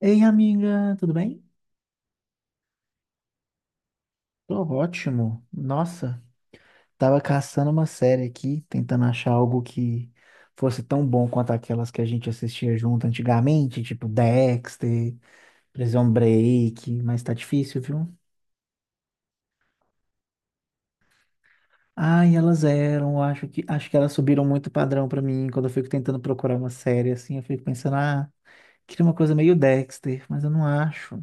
Ei, amiga, tudo bem? Tô ótimo. Nossa, tava caçando uma série aqui, tentando achar algo que fosse tão bom quanto aquelas que a gente assistia junto antigamente, tipo Dexter, Prison Break, mas tá difícil, viu? Ai, elas eram, eu acho que elas subiram muito o padrão pra mim. Quando eu fico tentando procurar uma série assim, eu fico pensando, queria uma coisa meio Dexter, mas eu não acho.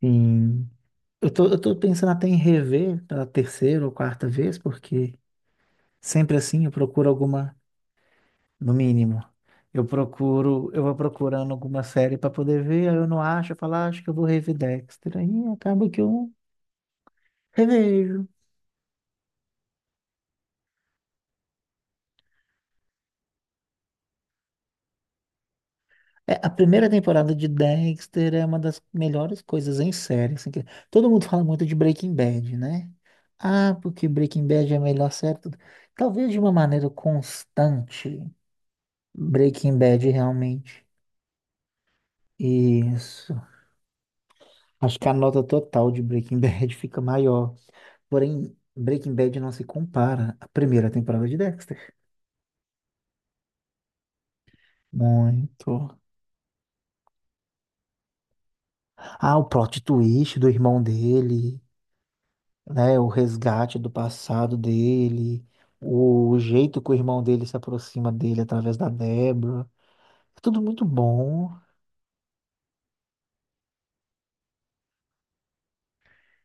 Sim. Eu tô pensando até em rever pela terceira ou quarta vez, porque sempre assim, eu procuro alguma, no mínimo. Eu procuro, eu vou procurando alguma série para poder ver, aí eu não acho, eu falo, "Ah, acho que eu vou rever Dexter." Aí acaba que eu revejo. É, a primeira temporada de Dexter é uma das melhores coisas em série, assim, que todo mundo fala muito de Breaking Bad, né? Ah, porque Breaking Bad é a melhor série, tudo. Talvez de uma maneira constante, Breaking Bad realmente. Isso. Acho que a nota total de Breaking Bad fica maior. Porém, Breaking Bad não se compara à primeira temporada de Dexter. Muito. Ah, o plot twist do irmão dele, né? O resgate do passado dele, o jeito que o irmão dele se aproxima dele através da Deborah. É tudo muito bom.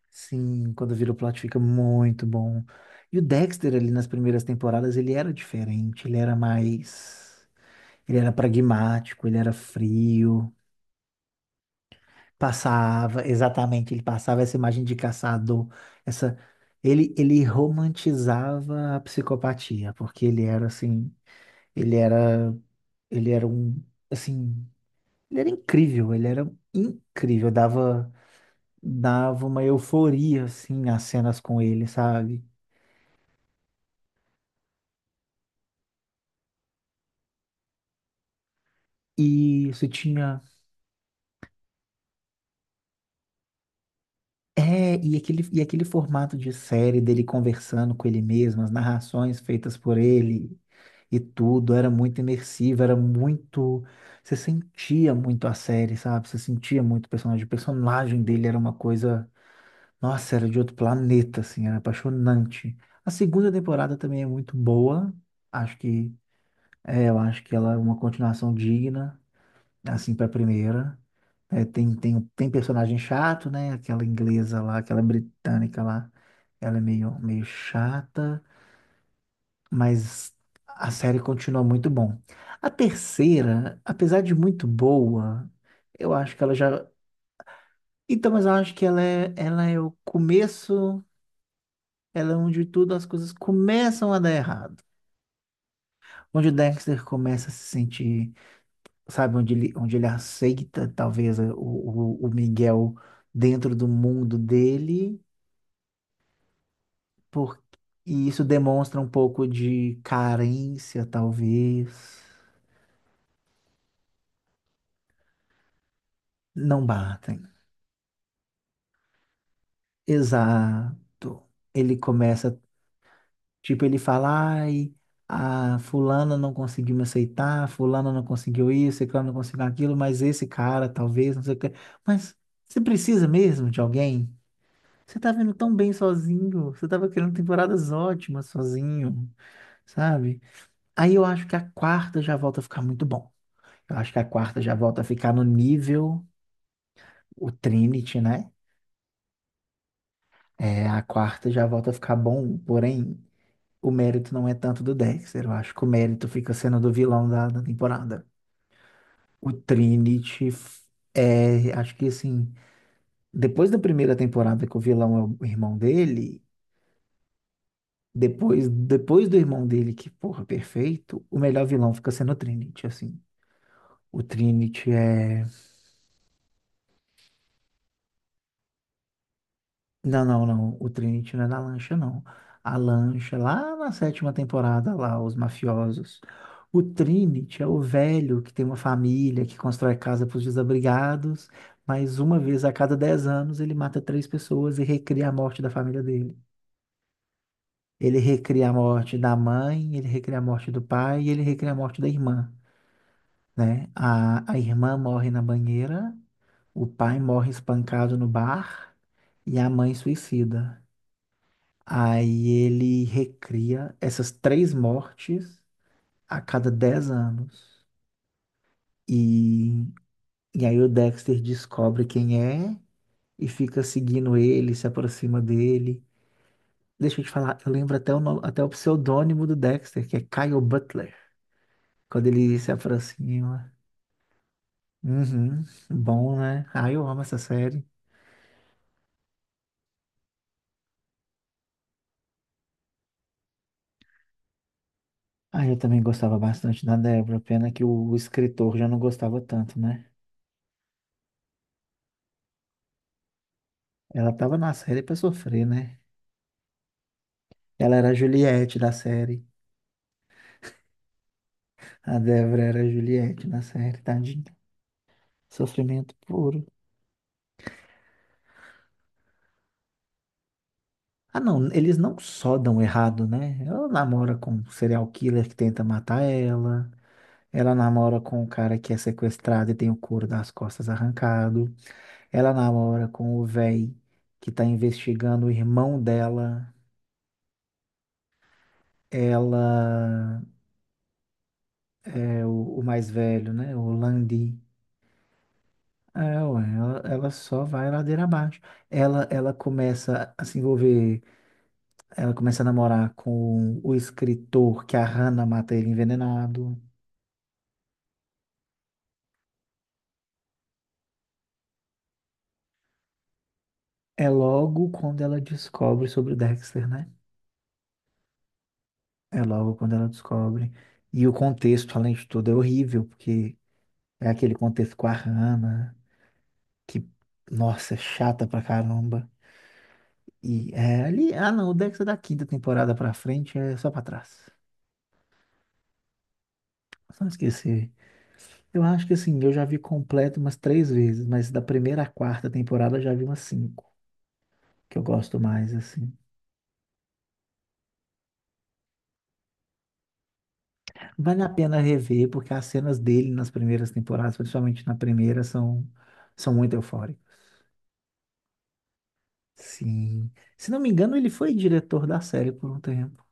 Sim, quando vira o plot fica muito bom. E o Dexter ali nas primeiras temporadas, ele era diferente, ele era mais. Ele era pragmático, ele era frio. Passava, exatamente, ele passava essa imagem de caçador, essa ele romantizava a psicopatia, porque ele era assim, ele era ele era um assim, ele era incrível, dava dava uma euforia assim nas cenas com ele, sabe? E isso tinha. É, e aquele formato de série dele conversando com ele mesmo, as narrações feitas por ele e tudo, era muito imersivo, era muito. Você sentia muito a série, sabe? Você sentia muito o personagem. O personagem dele era uma coisa. Nossa, era de outro planeta, assim, era apaixonante. A segunda temporada também é muito boa. Acho que. É, eu acho que ela é uma continuação digna, assim, pra primeira. É, tem personagem chato, né? Aquela inglesa lá, aquela britânica lá, ela é meio chata, mas a série continua muito bom. A terceira, apesar de muito boa, eu acho que ela já. Então, mas eu acho que ela é o começo, ela é onde tudo as coisas começam a dar errado. Onde o Dexter começa a se sentir, sabe, onde ele aceita, talvez, o Miguel dentro do mundo dele. Por... E isso demonstra um pouco de carência, talvez. Não batem. Exato. Ele começa, tipo, ele fala, ai, a fulana não conseguiu me aceitar, fulana não conseguiu isso, ciclano não conseguiu aquilo, mas esse cara, talvez, não sei o quê. Mas você precisa mesmo de alguém? Você tá vendo tão bem sozinho, você tava querendo temporadas ótimas sozinho, sabe? Aí eu acho que a quarta já volta a ficar muito bom. Eu acho que a quarta já volta a ficar no nível o Trinity, né? É, a quarta já volta a ficar bom, porém o mérito não é tanto do Dexter. Eu acho que o mérito fica sendo do vilão da temporada. O Trinity f- é, acho que assim, depois da primeira temporada que o vilão é o irmão dele, depois do irmão dele, que porra, perfeito, o melhor vilão fica sendo o Trinity, assim. O Trinity é. Não, não, não. O Trinity não é da lancha, não. A lancha, lá na sétima temporada, lá, os mafiosos. O Trinity é o velho que tem uma família, que constrói casa para os desabrigados, mas uma vez a cada 10 anos ele mata três pessoas e recria a morte da família dele. Ele recria a morte da mãe, ele recria a morte do pai e ele recria a morte da irmã, né? A irmã morre na banheira, o pai morre espancado no bar e a mãe suicida. Aí ele recria essas três mortes a cada 10 anos. E, e aí o Dexter descobre quem é e fica seguindo ele, se aproxima dele. Deixa eu te falar, eu lembro até o, no- até o pseudônimo do Dexter, que é Kyle Butler, quando ele se aproxima. Uhum, bom, né? Ah, eu amo essa série. Ah, eu também gostava bastante da Deborah, pena que o escritor já não gostava tanto, né? Ela tava na série pra sofrer, né? Ela era a Juliette da série. A Débora era a Juliette na série, tadinha. Sofrimento puro. Ah, não, eles não só dão errado, né? Ela namora com um serial killer que tenta matar ela. Ela namora com um cara que é sequestrado e tem o couro das costas arrancado. Ela namora com o véi que tá investigando o irmão dela. Ela é o mais velho, né? O Landy. É, ué, ela só vai ladeira abaixo. Ela começa a se envolver, ela começa a namorar com o escritor que a Hannah mata ele envenenado. É logo quando ela descobre sobre o Dexter, né? É logo quando ela descobre. E o contexto, além de tudo, é horrível, porque é aquele contexto com a Hannah, que, nossa, é chata pra caramba. E é ali, ah não, o Dexter da quinta temporada pra frente é só pra trás. Só não esquecer. Eu acho que assim, eu já vi completo umas três vezes, mas da primeira à quarta temporada eu já vi umas cinco, que eu gosto mais, assim. Vale a pena rever, porque as cenas dele nas primeiras temporadas, principalmente na primeira, são, são muito eufóricas. Sim. Se não me engano, ele foi diretor da série por um tempo.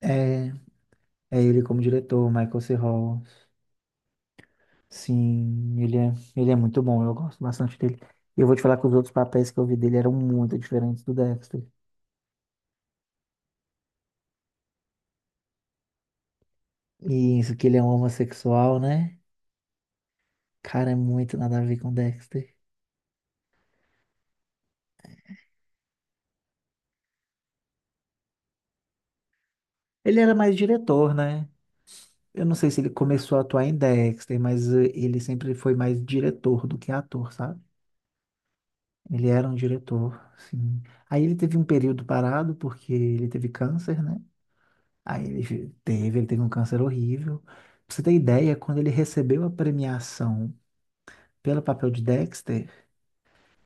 É, é ele como diretor, Michael C. Hall. Sim, ele é muito bom, eu gosto bastante dele. Eu vou te falar que os outros papéis que eu vi dele eram muito diferentes do Dexter. E isso que ele é um homossexual, né? Cara, é muito nada a ver com Dexter. Ele era mais diretor, né? Eu não sei se ele começou a atuar em Dexter, mas ele sempre foi mais diretor do que ator, sabe? Ele era um diretor, sim. Aí ele teve um período parado porque ele teve câncer, né? Aí ele fi- teve, ele teve um câncer horrível. Pra você ter ideia, quando ele recebeu a premiação pelo papel de Dexter,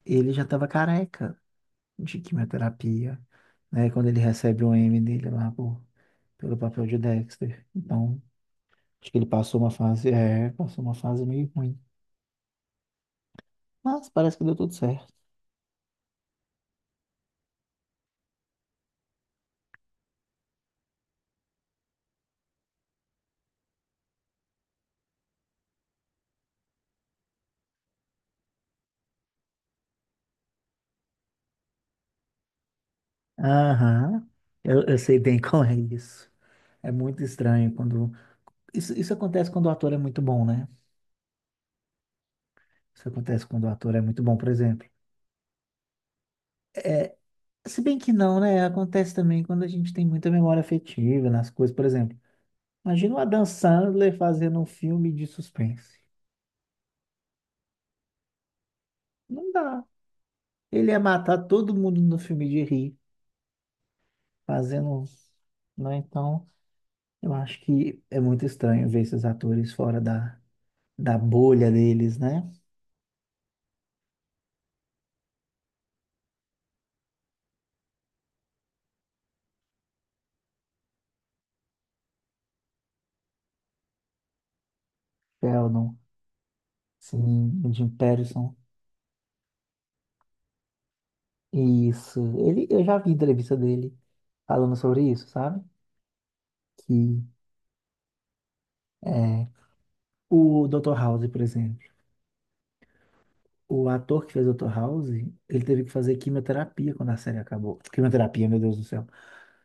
ele já estava careca de quimioterapia, né? Quando ele recebe o M dele lá, pô, pelo papel de Dexter. Então, acho que ele passou uma fase, passou uma fase meio ruim. Mas parece que deu tudo certo. Aham, eu sei bem qual é isso. É muito estranho quando. Isso acontece quando o ator é muito bom, né? Isso acontece quando o ator é muito bom, por exemplo. É, se bem que não, né? Acontece também quando a gente tem muita memória afetiva nas coisas, por exemplo. Imagina o Adam Sandler fazendo um filme de suspense. Não dá. Ele ia matar todo mundo no filme de rir, fazendo. Né? Então. Eu acho que é muito estranho ver esses atores fora da bolha deles, né? Sheldon, sim, o Jim Patterson, isso. Ele, eu já vi entrevista dele falando sobre isso, sabe? Que é, o Dr. House, por exemplo, o ator que fez o Dr. House, ele teve que fazer quimioterapia quando a série acabou. Quimioterapia, meu Deus do céu.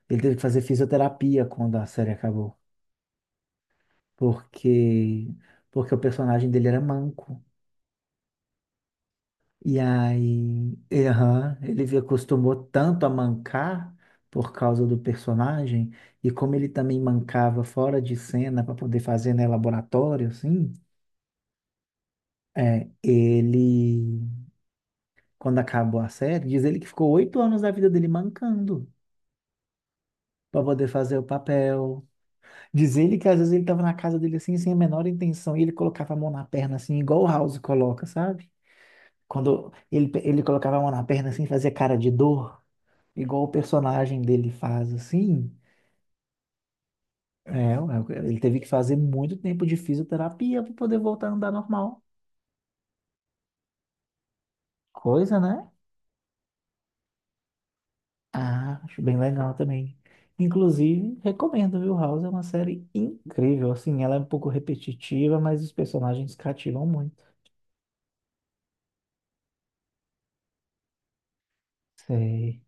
Ele teve que fazer fisioterapia quando a série acabou, porque porque o personagem dele era manco. E aí, aham, acostumou tanto a mancar por causa do personagem, e como ele também mancava fora de cena para poder fazer, né, laboratório, assim, é, ele, quando acabou a série, diz ele que ficou oito anos da vida dele mancando para poder fazer o papel. Diz ele que às vezes ele estava na casa dele assim, sem a menor intenção, e ele colocava a mão na perna assim, igual o House coloca, sabe? Quando ele colocava a mão na perna assim, fazia cara de dor, igual o personagem dele faz assim, é, ué, ele teve que fazer muito tempo de fisioterapia para poder voltar a andar normal. Coisa, né? Ah, acho bem legal também. Inclusive, recomendo, viu? House é uma série incrível, assim, ela é um pouco repetitiva, mas os personagens cativam muito. Sei.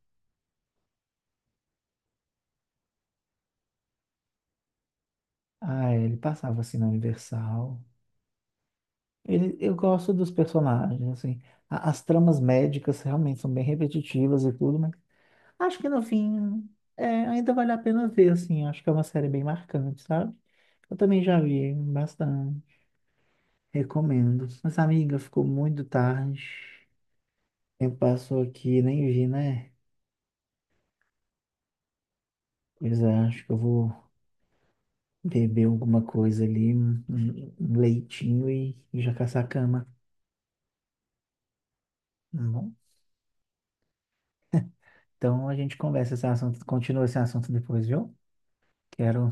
Ah, é, ele passava assim na Universal. Ele, eu gosto dos personagens, assim. A- As tramas médicas realmente são bem repetitivas e tudo, mas acho que no fim, é, ainda vale a pena ver, assim. Acho que é uma série bem marcante, sabe? Eu também já vi bastante. Recomendo. Mas, amiga, ficou muito tarde. O tempo passou aqui, nem vi, né? Pois é, acho que eu vou beber alguma coisa ali, um leitinho e já caçar a cama. Tá bom? Então a gente continua esse assunto depois, viu? Quero,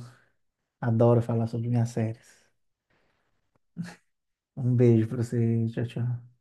adoro falar sobre minhas séries. Um beijo pra você, tchau, tchau.